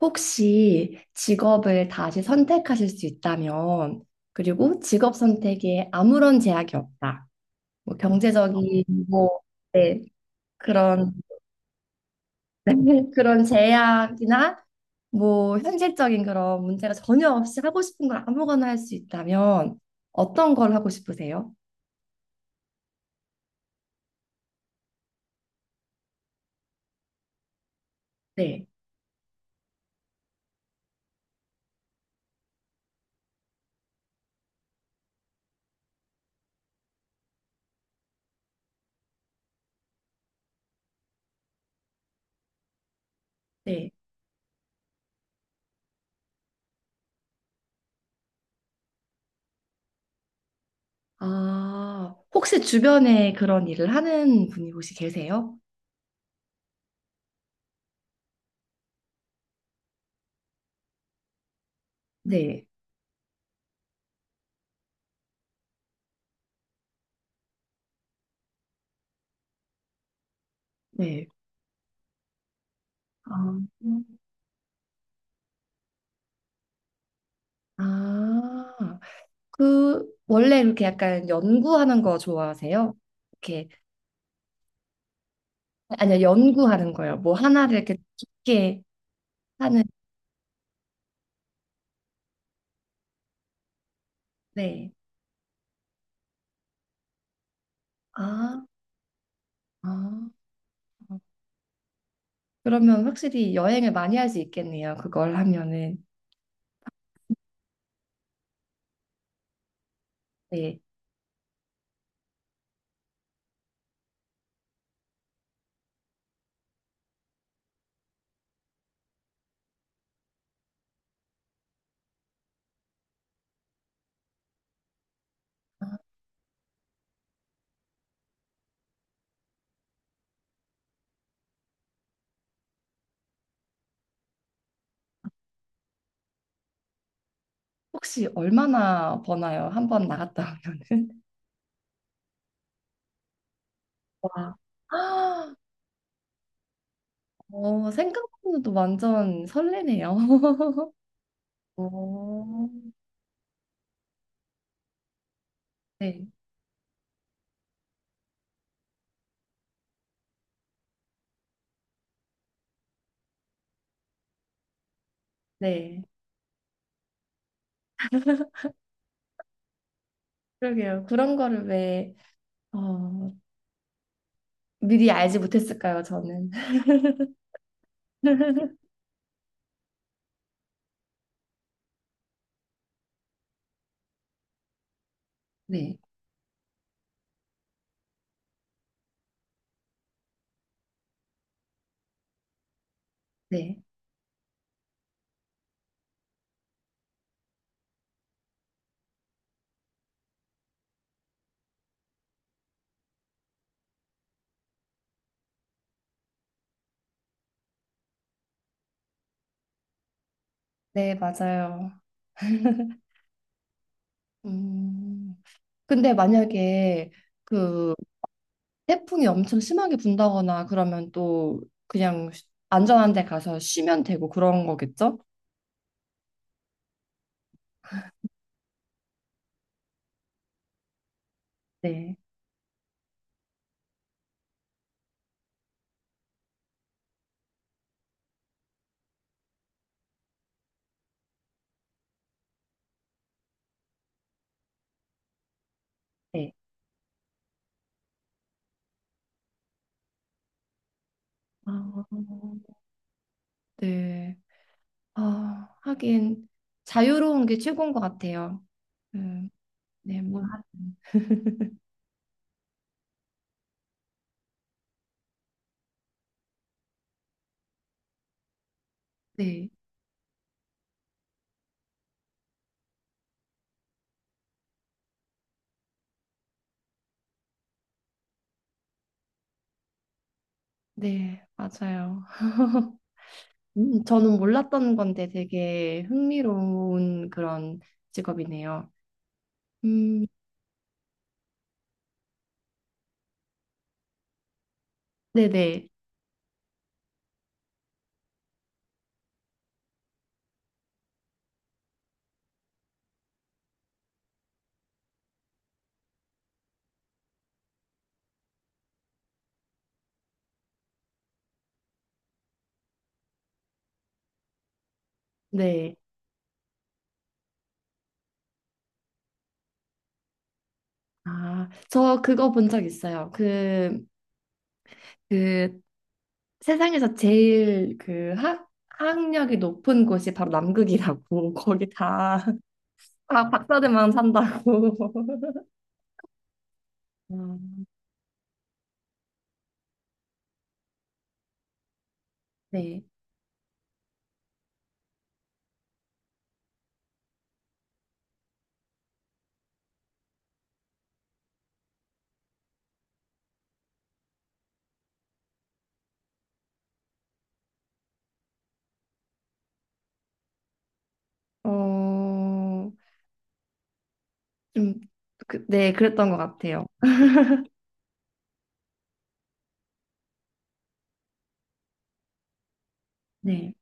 혹시 직업을 다시 선택하실 수 있다면, 그리고 직업 선택에 아무런 제약이 없다. 뭐 경제적인 뭐 네, 그런 그런 제약이나 뭐 현실적인 그런 문제가 전혀 없이 하고 싶은 걸 아무거나 할 수 있다면 어떤 걸 하고 싶으세요? 네, 네. 아, 혹시 주변에 그런 일을 하는 분이 혹시 계세요? 네, 네. 아, 아. 그 원래 이렇게 약간 연구하는 거 좋아하세요? 이렇게 아니요 연구하는 거요. 뭐 하나를 이렇게 깊게 하는 네. 아, 아. 그러면 확실히 여행을 많이 할 수 있겠네요. 그걸 하면은 네. 혹시 얼마나 버나요? 한번 나갔다 오면은? 와. 아, 생각보다도 완전 설레네요. 오. 네, 네. 그러게요. 그런 거를 왜 어, 미리 알지 못했을까요, 저는? 네, 네, 네, 맞아요. 음, 근데 만약에 그 태풍이 엄청 심하게 분다거나 그러면 또 그냥 안전한 데 가서 쉬면 되고 그런 거겠죠? 네, 네. 아, 네. 아, 하긴 자유로운 게 최고인 것 같아요. 음, 네, 뭐, 하- 네, 네, 맞아요. 저는 몰랐던 건데 되게 흥미로운 그런 직업이네요. 음. 네네. 네. 아, 저 그거 본 적 있어요. 그, 그 세상에서 제일 그 학력이 높은 곳이 바로 남극이라고. 거기 다, 다 박사들만 산다고. 아, 네. 어, 좀, 그, 네, 그랬던 것 같아요. 네.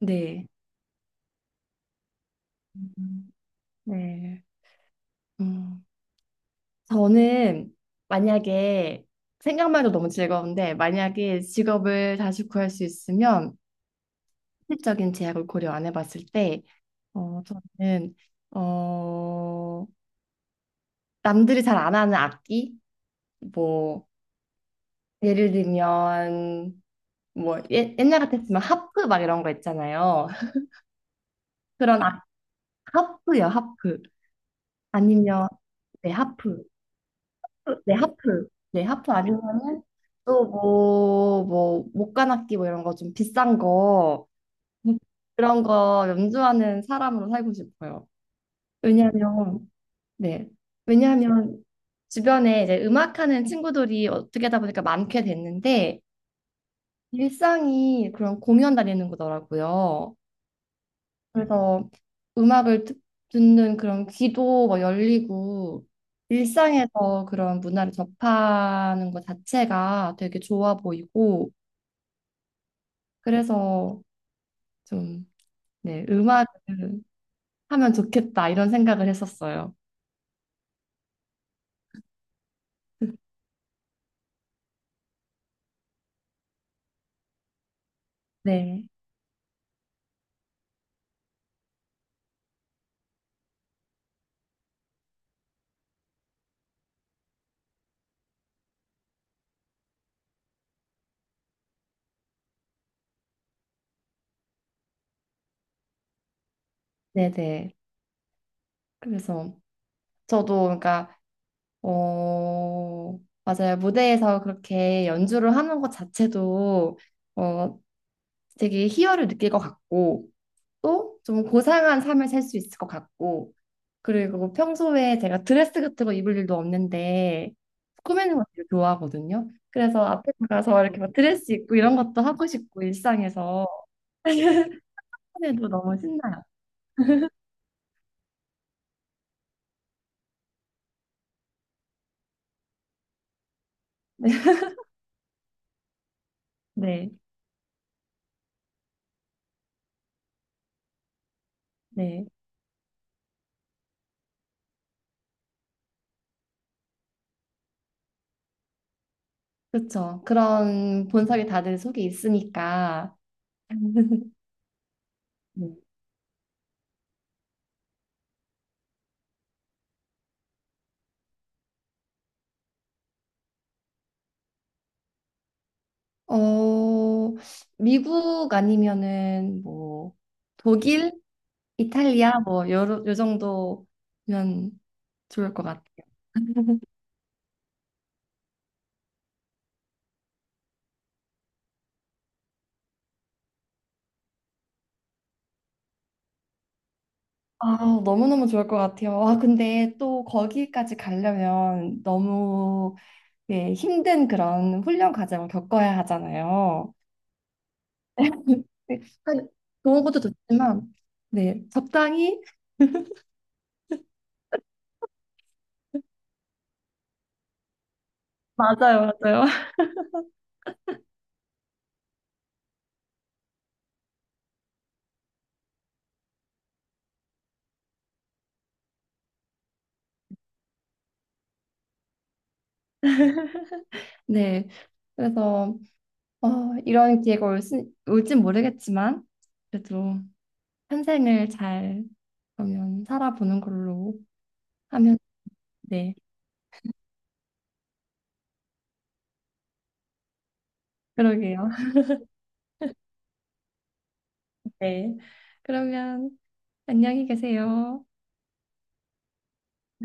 네. 음, 네. 음, 저는 만약에 생각만 해도 너무 즐거운데 만약에 직업을 다시 구할 수 있으면 실질적인 제약을 고려 안 해봤을 때, 저는, 어, 남들이 잘 안 하는 악기? 뭐, 예를 들면, 뭐, 예, 옛날 같았으면 하프 막 이런 거 있잖아요. 그런 악, 하프요, 하프. 아니면, 네, 하프. 네, 하프. 네, 하프 아니면은 또 뭐, 뭐, 목관악기 뭐 이런 거 좀 비싼 거, 음, 그런 거 연주하는 사람으로 살고 싶어요. 왜냐면, 네. 왜냐하면 주변에 이제 음악하는 친구들이 어떻게 하다 보니까 많게 됐는데 일상이 그런 공연 다니는 거더라고요. 그래서 음악을 듣- 듣는 그런 귀도 뭐 열리고 일상에서 그런 문화를 접하는 것 자체가 되게 좋아 보이고 그래서 좀 네, 음악을 하면 좋겠다 이런 생각을 했었어요. 네. 네네. 그래서 저도 그러니까 어, 맞아요. 무대에서 그렇게 연주를 하는 것 자체도 어, 되게 희열을 느낄 것 같고 또 좀 고상한 삶을 살 수 있을 것 같고 그리고 평소에 제가 드레스 같은 거 입을 일도 없는데 꾸미는 걸 되게 좋아하거든요. 그래서 앞에 나가서 이렇게 막 드레스 입고 이런 것도 하고 싶고 일상에서 하면 에도 너무 신나요. 네, 네, 그렇죠. 그런 본성이 다들 속에 있으니까 음. 어, 미국 아니면은 뭐 독일, 이탈리아 뭐 요, 요 정도면 좋을 것 같아요. 아, 너무너무 좋을 것 같아요. 아, 근데 또 거기까지 가려면 너무 예, 힘든 그런 훈련 과정을 겪어야 하잖아요. 네, 한- 좋은 것도 좋지만 네, 적당히 맞아요, 맞아요. 네, 그래서 어, 이런 기회가 올 수, 올진 모르겠지만 그래도 현생을 잘 그러면 살아보는 걸로 하면 네. 그러게요. 네. 그러면 안녕히 계세요.